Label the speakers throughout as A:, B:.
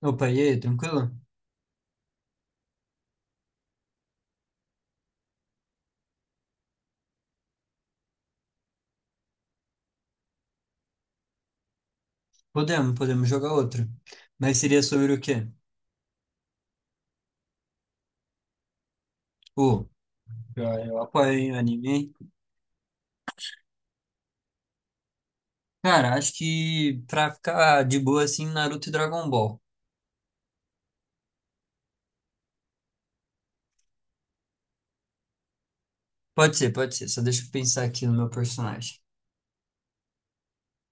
A: Opa, e aí, tranquilo? Podemos jogar outro. Mas seria sobre o quê? Pô, eu apoio hein, o anime. Hein? Cara, acho que pra ficar de boa assim, Naruto e Dragon Ball. Pode ser. Só deixa eu pensar aqui no meu personagem.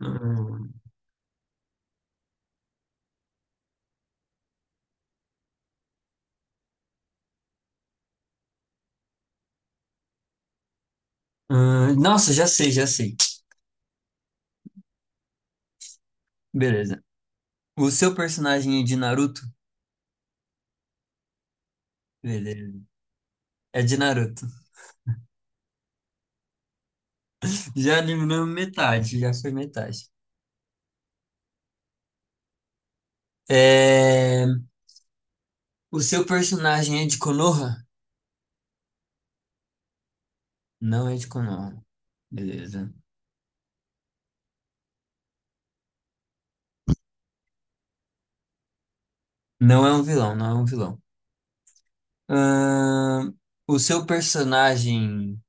A: Hum, nossa, já sei. Beleza. O seu personagem é de Naruto? Beleza. É de Naruto. Já eliminamos metade, já foi metade. É... O seu personagem é de Konoha? Não é de Konoha. Beleza. Não é um vilão. Ahn, o seu personagem,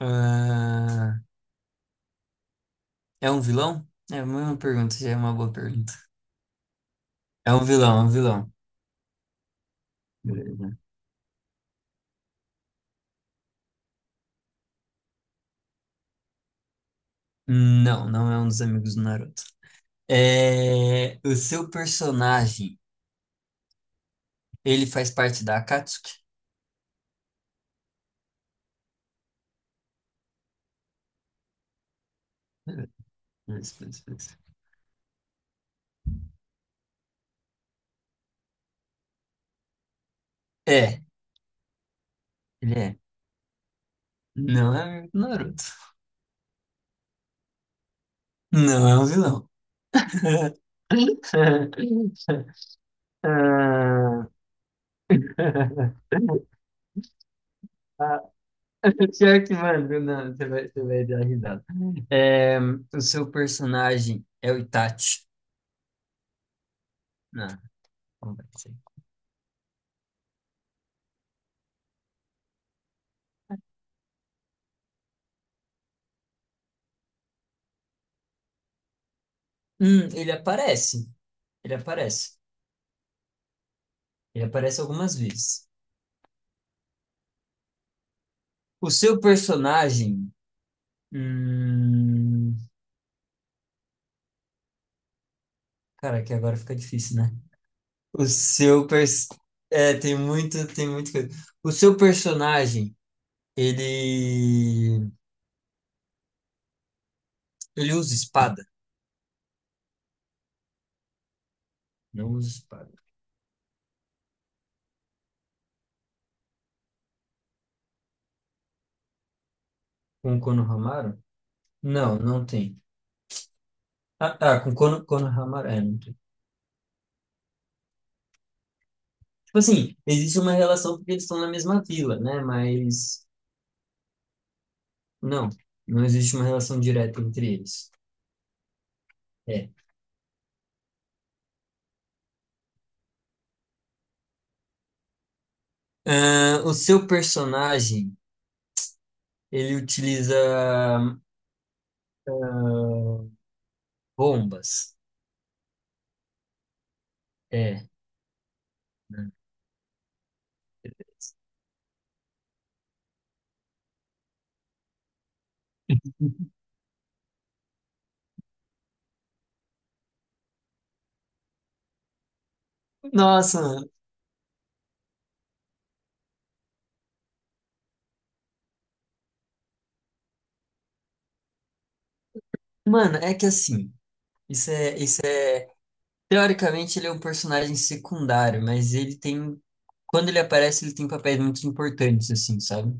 A: ah, é um vilão? É uma pergunta, já é uma boa pergunta. É um vilão. Beleza. Não, não é um dos amigos do Naruto. É, o seu personagem, ele faz parte da Akatsuki? Beleza. É, ele é. Não é amigo do Naruto. Não é um vilão. Ah, Pior que, mano, não, você vai dar risada. É, o seu personagem é o Itachi. Não, como vai ser? Ele aparece. Ele aparece. Ele aparece algumas vezes. O seu personagem. Hum, cara, que agora fica difícil, né? O seu pers... É, tem muito, tem muita coisa. O seu personagem, ele. Ele usa espada? Não usa espada. Com o Konohamaru? Não, não tem. Ah, tá, com Kono- Konohamaru. É, não tem. Tipo assim, existe uma relação porque eles estão na mesma vila, né? Mas não, não existe uma relação direta entre eles. É. Ah, o seu personagem, ele utiliza ah, bombas. É. Né? Nossa, mano. Mano, é que assim, isso é. Teoricamente, ele é um personagem secundário, mas ele tem. Quando ele aparece, ele tem papéis muito importantes, assim, sabe?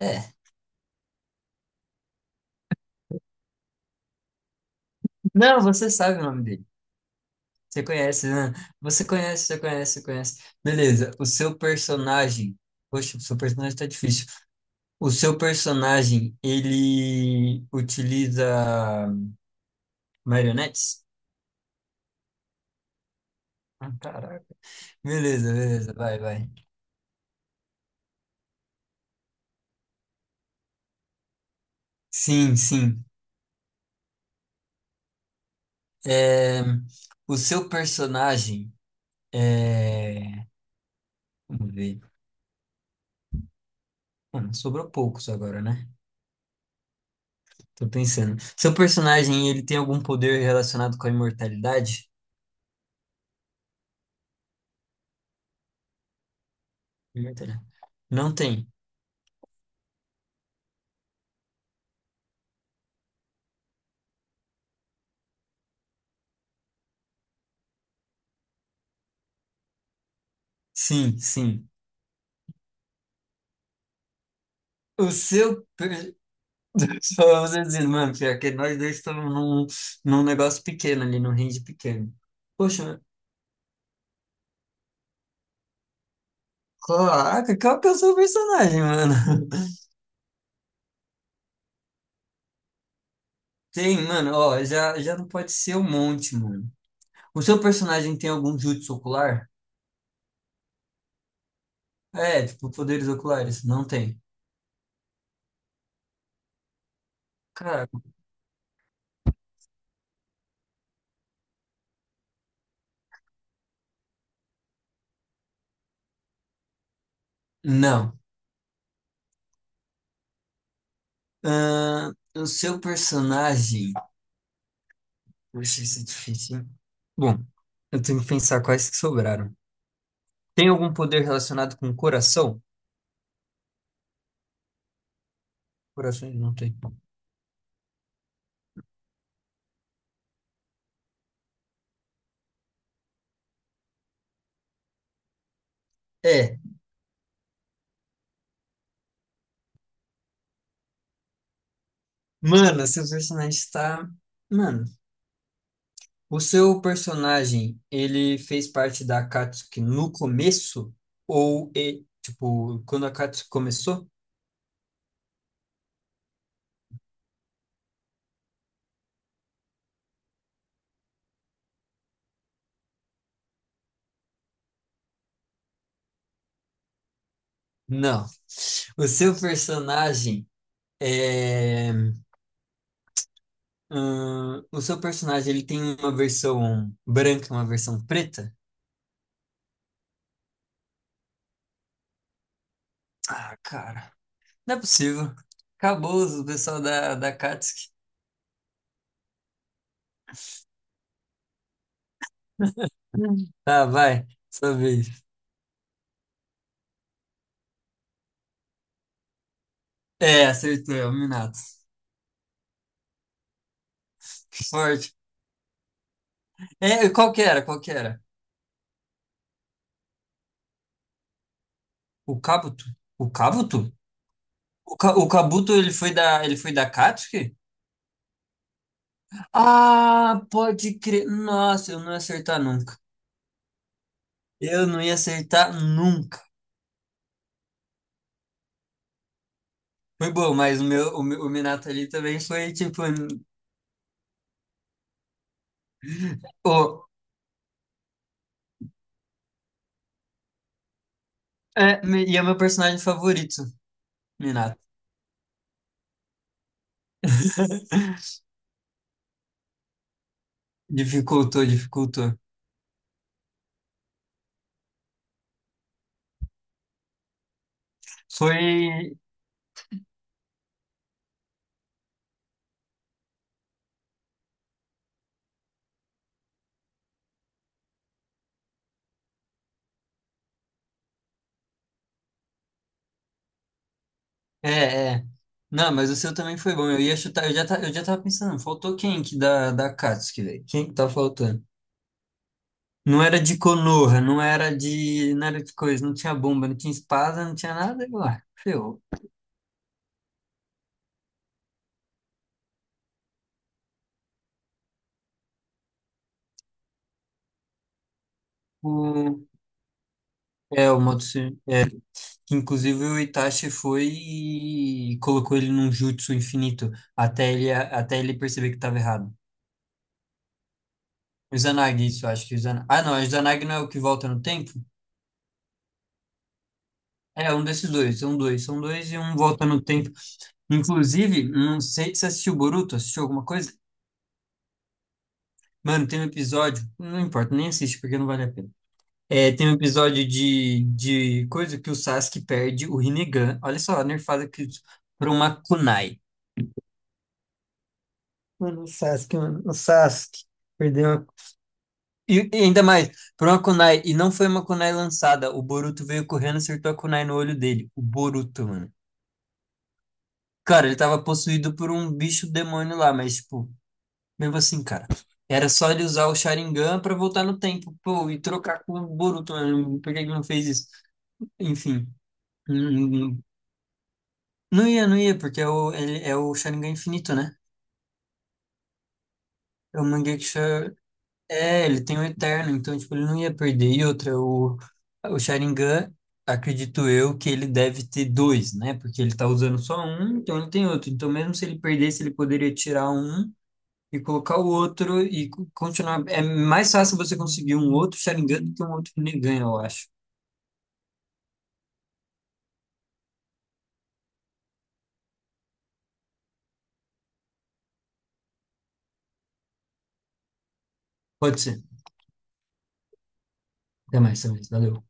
A: É. Não, você sabe o nome dele. Você conhece, né? Você conhece. Beleza, o seu personagem. Poxa, o seu personagem tá difícil. O seu personagem, ele utiliza marionetes? Ah, caraca. Beleza, beleza, vai, vai. Sim, sim. É, o seu personagem é. Vamos ver. Mano, sobrou poucos agora, né? Tô pensando. Seu personagem, ele tem algum poder relacionado com a imortalidade? Muita. Não tem. Sim, sim. O seu. Per- Só você dizendo, mano, pior que nós dois estamos num, num negócio pequeno ali, num range pequeno. Poxa, caraca, qual que é o seu personagem, mano? Tem, mano, ó, já não pode ser um monte, mano. O seu personagem tem algum jutsu ocular? É, tipo, poderes oculares? Não tem. Caraca. Não. O seu personagem. Poxa, isso é difícil, hein? Bom, eu tenho que pensar quais que sobraram. Tem algum poder relacionado com o coração? Coração ele não tem. É. Mano, seu personagem está. Mano, o seu personagem, ele fez parte da Akatsuki no começo? Ou, e- tipo, quando a Akatsuki começou? Não. O seu personagem é. O seu personagem, ele tem uma versão branca e uma versão preta? Ah, cara. Não é possível. Acabou o pessoal da Akatsuki. Tá, vai. Sua vez. É, acertou, é o Minato. Que sorte. É, e qual que era? Qual que era? O Kabuto. O Kabuto? O, Ka- o Kabuto, ele foi ele foi da Katsuki? Ah, pode crer. Nossa, eu não ia acertar nunca. Eu não ia acertar nunca. Foi bom, mas o Minato ali também foi, tipo, o, é, me- e é meu personagem favorito, Minato. Dificultou, dificultou. Foi. É, é. Não, mas o seu também foi bom. Eu ia chutar, ta- eu já tava pensando, faltou quem que da Akatsuki, velho? Quem que tá faltando? Não era de Konoha, não era de nada de coisa, não tinha bomba, não tinha espada, não tinha nada, e lá, ferrou. O, é, o Motosur. Que inclusive o Itachi foi e colocou ele num jutsu infinito, até ele perceber que estava errado. O Izanagi, isso, eu acho que o Izanagi... Ah, não, o Izanagi não é o que volta no tempo? É, um desses dois, são dois, são dois e um volta no tempo. Inclusive, não sei se você assistiu Boruto, assistiu alguma coisa? Mano, tem um episódio, não importa, nem assiste porque não vale a pena. É, tem um episódio de coisa que o Sasuke perde o Rinnegan. Olha só, a nerfada que por uma kunai. Mano, o Sasuke perdeu uma... E, e ainda mais, por uma kunai, e não foi uma kunai lançada. O Boruto veio correndo e acertou a kunai no olho dele. O Boruto, mano. Cara, ele tava possuído por um bicho demônio lá, mas, tipo, mesmo assim, cara. Era só ele usar o Sharingan pra voltar no tempo, pô, e trocar com o Boruto, mano. Por que ele não fez isso? Enfim. hum, Não ia, não ia, porque é o, ele, é o Sharingan infinito, né? É o Mangekyo. Sha- É, ele tem o Eterno, então, tipo, ele não ia perder. E outra, o Sharingan, acredito eu, que ele deve ter dois, né? Porque ele tá usando só um, então ele tem outro. Então, mesmo se ele perdesse, ele poderia tirar um e colocar o outro e co- continuar. É mais fácil você conseguir um outro Sharingan do que um outro Rinnegan, eu acho. Pode ser. Até mais, Samir. Valeu.